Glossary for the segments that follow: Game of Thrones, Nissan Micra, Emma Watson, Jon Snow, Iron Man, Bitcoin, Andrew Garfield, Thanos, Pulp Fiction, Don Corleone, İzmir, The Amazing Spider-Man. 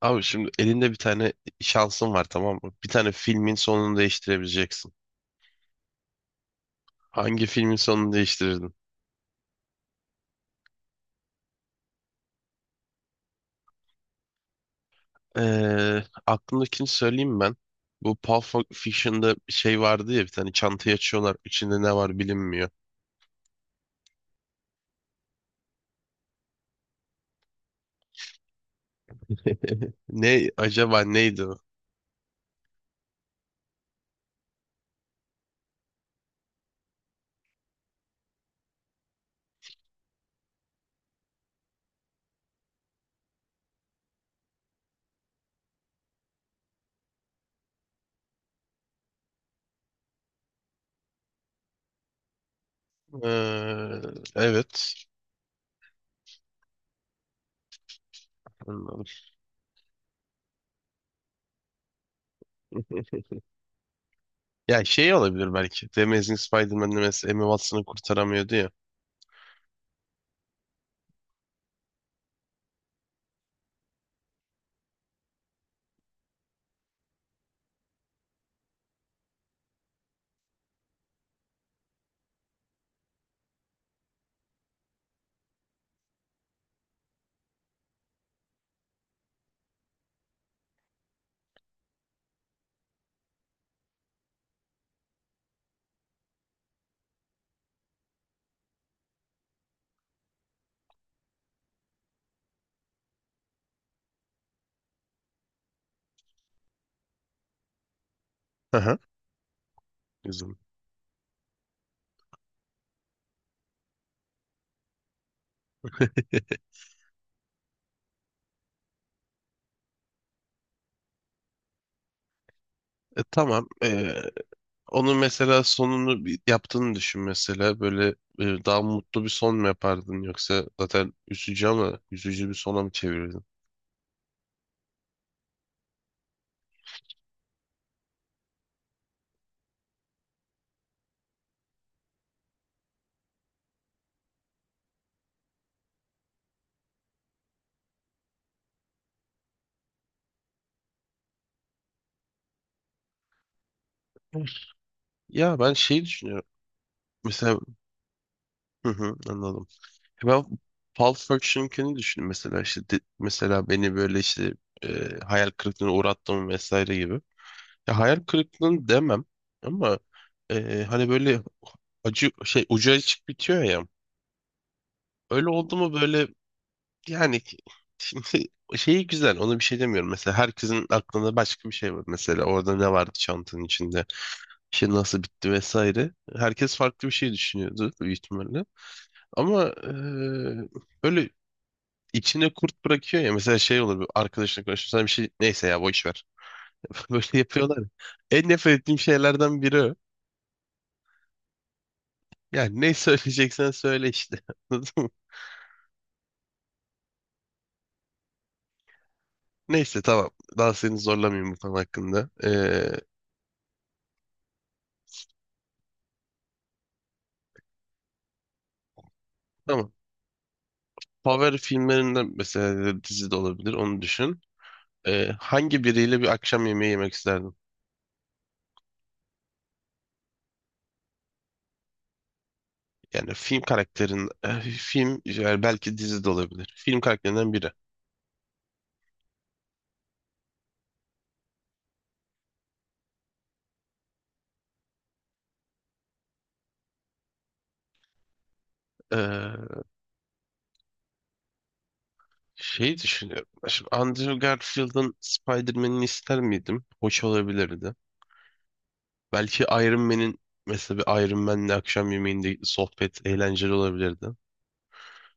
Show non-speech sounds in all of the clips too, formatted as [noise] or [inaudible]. Abi şimdi elinde bir tane şansın var, tamam mı? Bir tane filmin sonunu değiştirebileceksin. Hangi filmin sonunu değiştirirdin? Aklımdakini söyleyeyim ben. Bu Pulp Fiction'da bir şey vardı ya, bir tane çantayı açıyorlar. İçinde ne var bilinmiyor. Ne acaba, neydi o? Ee, evet. Anladım. [laughs] Ya şey olabilir belki. The Amazing Spider-Man'de mesela Emma Watson'ı kurtaramıyordu ya. Hı hı. Güzel. E, tamam. Onun mesela sonunu yaptığını düşün mesela, böyle e, daha mutlu bir son mu yapardın, yoksa zaten üzücü ama üzücü bir sona mı çevirirdin? [laughs] Ya ben şey düşünüyorum. Mesela hı hı, anladım. Ben Pulp Fiction'ınkini düşündüm mesela, işte mesela beni böyle işte e, hayal kırıklığına uğrattım vesaire gibi. Ya hayal kırıklığını demem ama e, hani böyle acı şey, ucu açık bitiyor ya. Öyle oldu mu böyle. Yani şimdi şeyi güzel, ona bir şey demiyorum. Mesela herkesin aklında başka bir şey var. Mesela orada ne vardı çantanın içinde? Şey nasıl bitti vesaire. Herkes farklı bir şey düşünüyordu büyük ihtimalle. Ama böyle içine kurt bırakıyor ya. Mesela şey olur, bir arkadaşına konuşuyor, sana bir şey, neyse ya, boş ver. [laughs] Böyle yapıyorlar ya. En nefret ettiğim şeylerden biri o. Yani ne söyleyeceksen söyle işte. [laughs] Anladın mı? Neyse tamam. Daha seni zorlamayayım bu konu hakkında. Tamam. Favori filmlerinden, mesela dizi de olabilir, onu düşün. Hangi biriyle bir akşam yemeği yemek isterdin? Yani film karakterin, e, film, yani belki dizi de olabilir. Film karakterinden biri. Ee, Şey düşünüyorum. Şimdi Andrew Garfield'ın Spider-Man'ini ister miydim? Hoş olabilirdi. Belki Iron Man'in, mesela bir Iron Man'le akşam yemeğinde sohbet eğlenceli olabilirdi.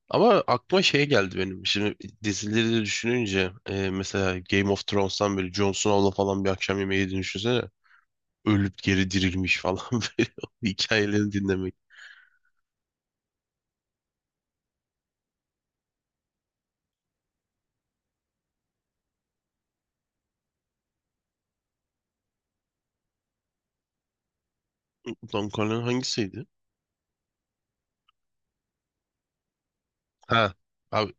Ama aklıma şey geldi benim. Şimdi dizileri de düşününce e, mesela Game of Thrones'tan böyle Jon Snow'la falan bir akşam yemeği yediğini düşünsene. Ölüp geri dirilmiş falan [laughs] böyle, o hikayelerini dinlemek. Don Corleone hangisiydi? Ha. Abi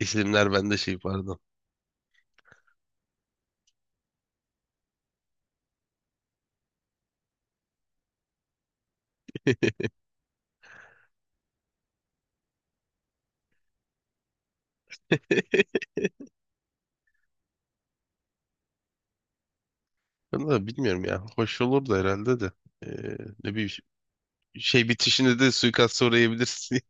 isimler bende şey, pardon. [laughs] Ben de bilmiyorum ya. Hoş olur da herhalde de. E, ne, bir şey bitişinde de suikast uğrayabilirsin.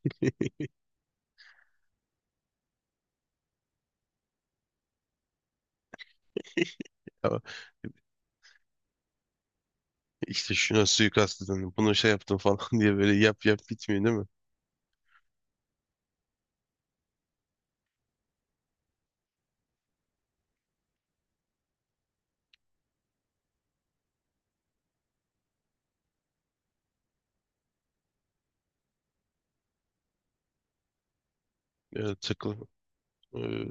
[laughs] Ya işte şuna suikast edin, bunu şey yaptım falan [laughs] diye böyle yap yap bitmiyor değil mi? Ya takıl. Ee,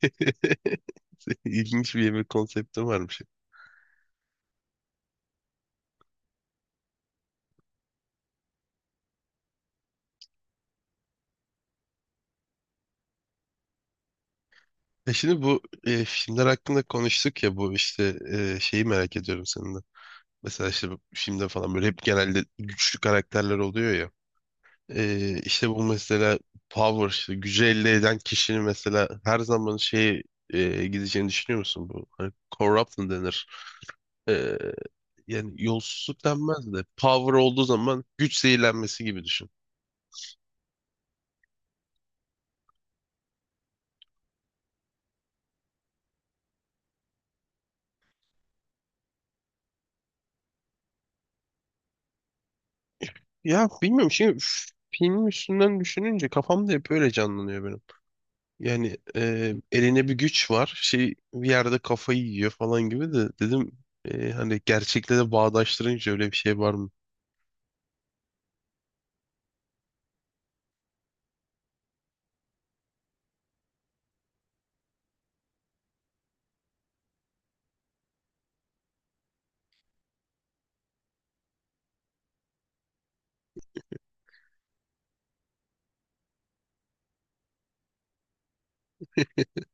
[laughs] İlginç bir yemek konsepti varmış. Ya şimdi bu e, filmler hakkında konuştuk ya, bu işte e, şeyi merak ediyorum senin de. Mesela işte bu filmde falan böyle hep genelde güçlü karakterler oluyor ya. E, işte bu mesela power, işte gücü elde eden kişinin mesela her zaman şey gideceğini düşünüyor musun bu? Hani corruption denir. E, yani yolsuzluk denmez de power olduğu zaman, güç zehirlenmesi gibi düşün. Ya bilmiyorum, şimdi film üstünden düşününce kafamda hep öyle canlanıyor benim. Yani e, eline bir güç var. Şey, bir yerde kafayı yiyor falan gibi de dedim e, hani gerçekle de bağdaştırınca öyle bir şey var mı? [laughs]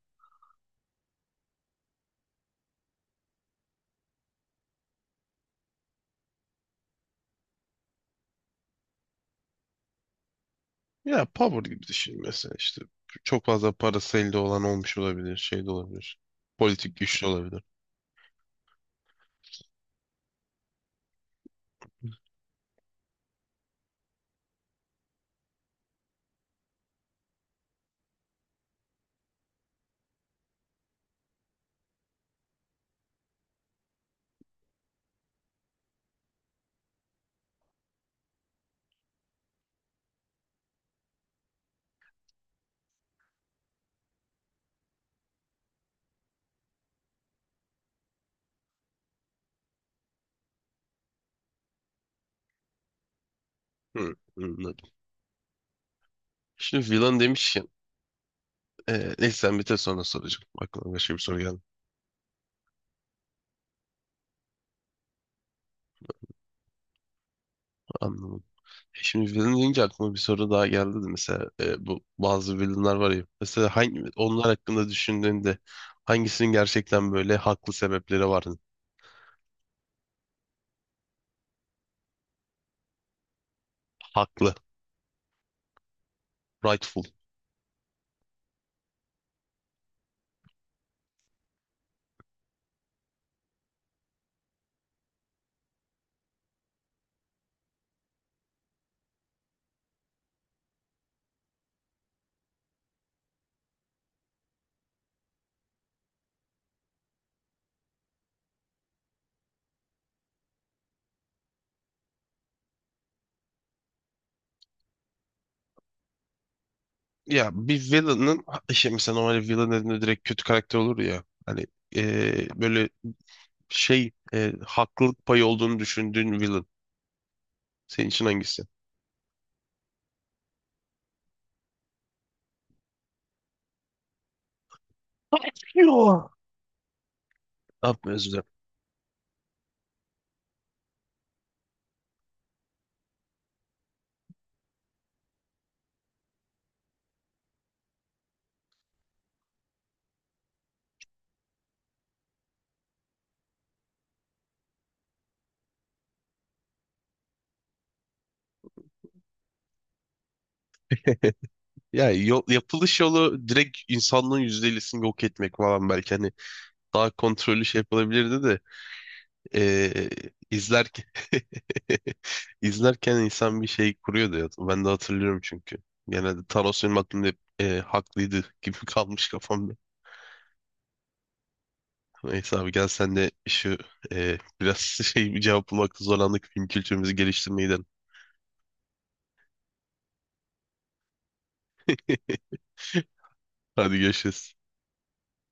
Ya power gibi düşün mesela, işte çok fazla parası elde olan olmuş olabilir, şey de olabilir. Politik güçlü olabilir. Hı, anladım. Şimdi villain demişken e, neyse, sen bitir sonra soracağım. Aklıma başka bir soru geldi. Anlamadım. Şimdi villain deyince aklıma bir soru daha geldi de, mesela e, bu bazı villainlar var ya, mesela hangi, onlar hakkında düşündüğünde hangisinin gerçekten böyle haklı sebepleri var? Haklı, rightful. Ya bir villain'ın, işte mesela normal villain dediğinde direkt kötü karakter olur ya hani, e, böyle şey e, haklılık payı olduğunu düşündüğün villain senin için hangisi? Yo. Yapma, özür dilerim. Yapılış yolu direkt insanlığın %50'sini yok etmek falan, belki hani daha kontrollü şey yapılabilirdi de. Ee, izlerken [laughs] izlerken insan bir şey kuruyordu ya. Ben de hatırlıyorum çünkü. Genelde Thanos benim aklımda hep, e, haklıydı gibi [laughs] kalmış kafamda. Neyse abi, gel sen de şu e, biraz [laughs] şey, bir cevap bulmakta zorlandık, film kültürümüzü geliştirmeye gidelim. [laughs] Hadi görüşürüz.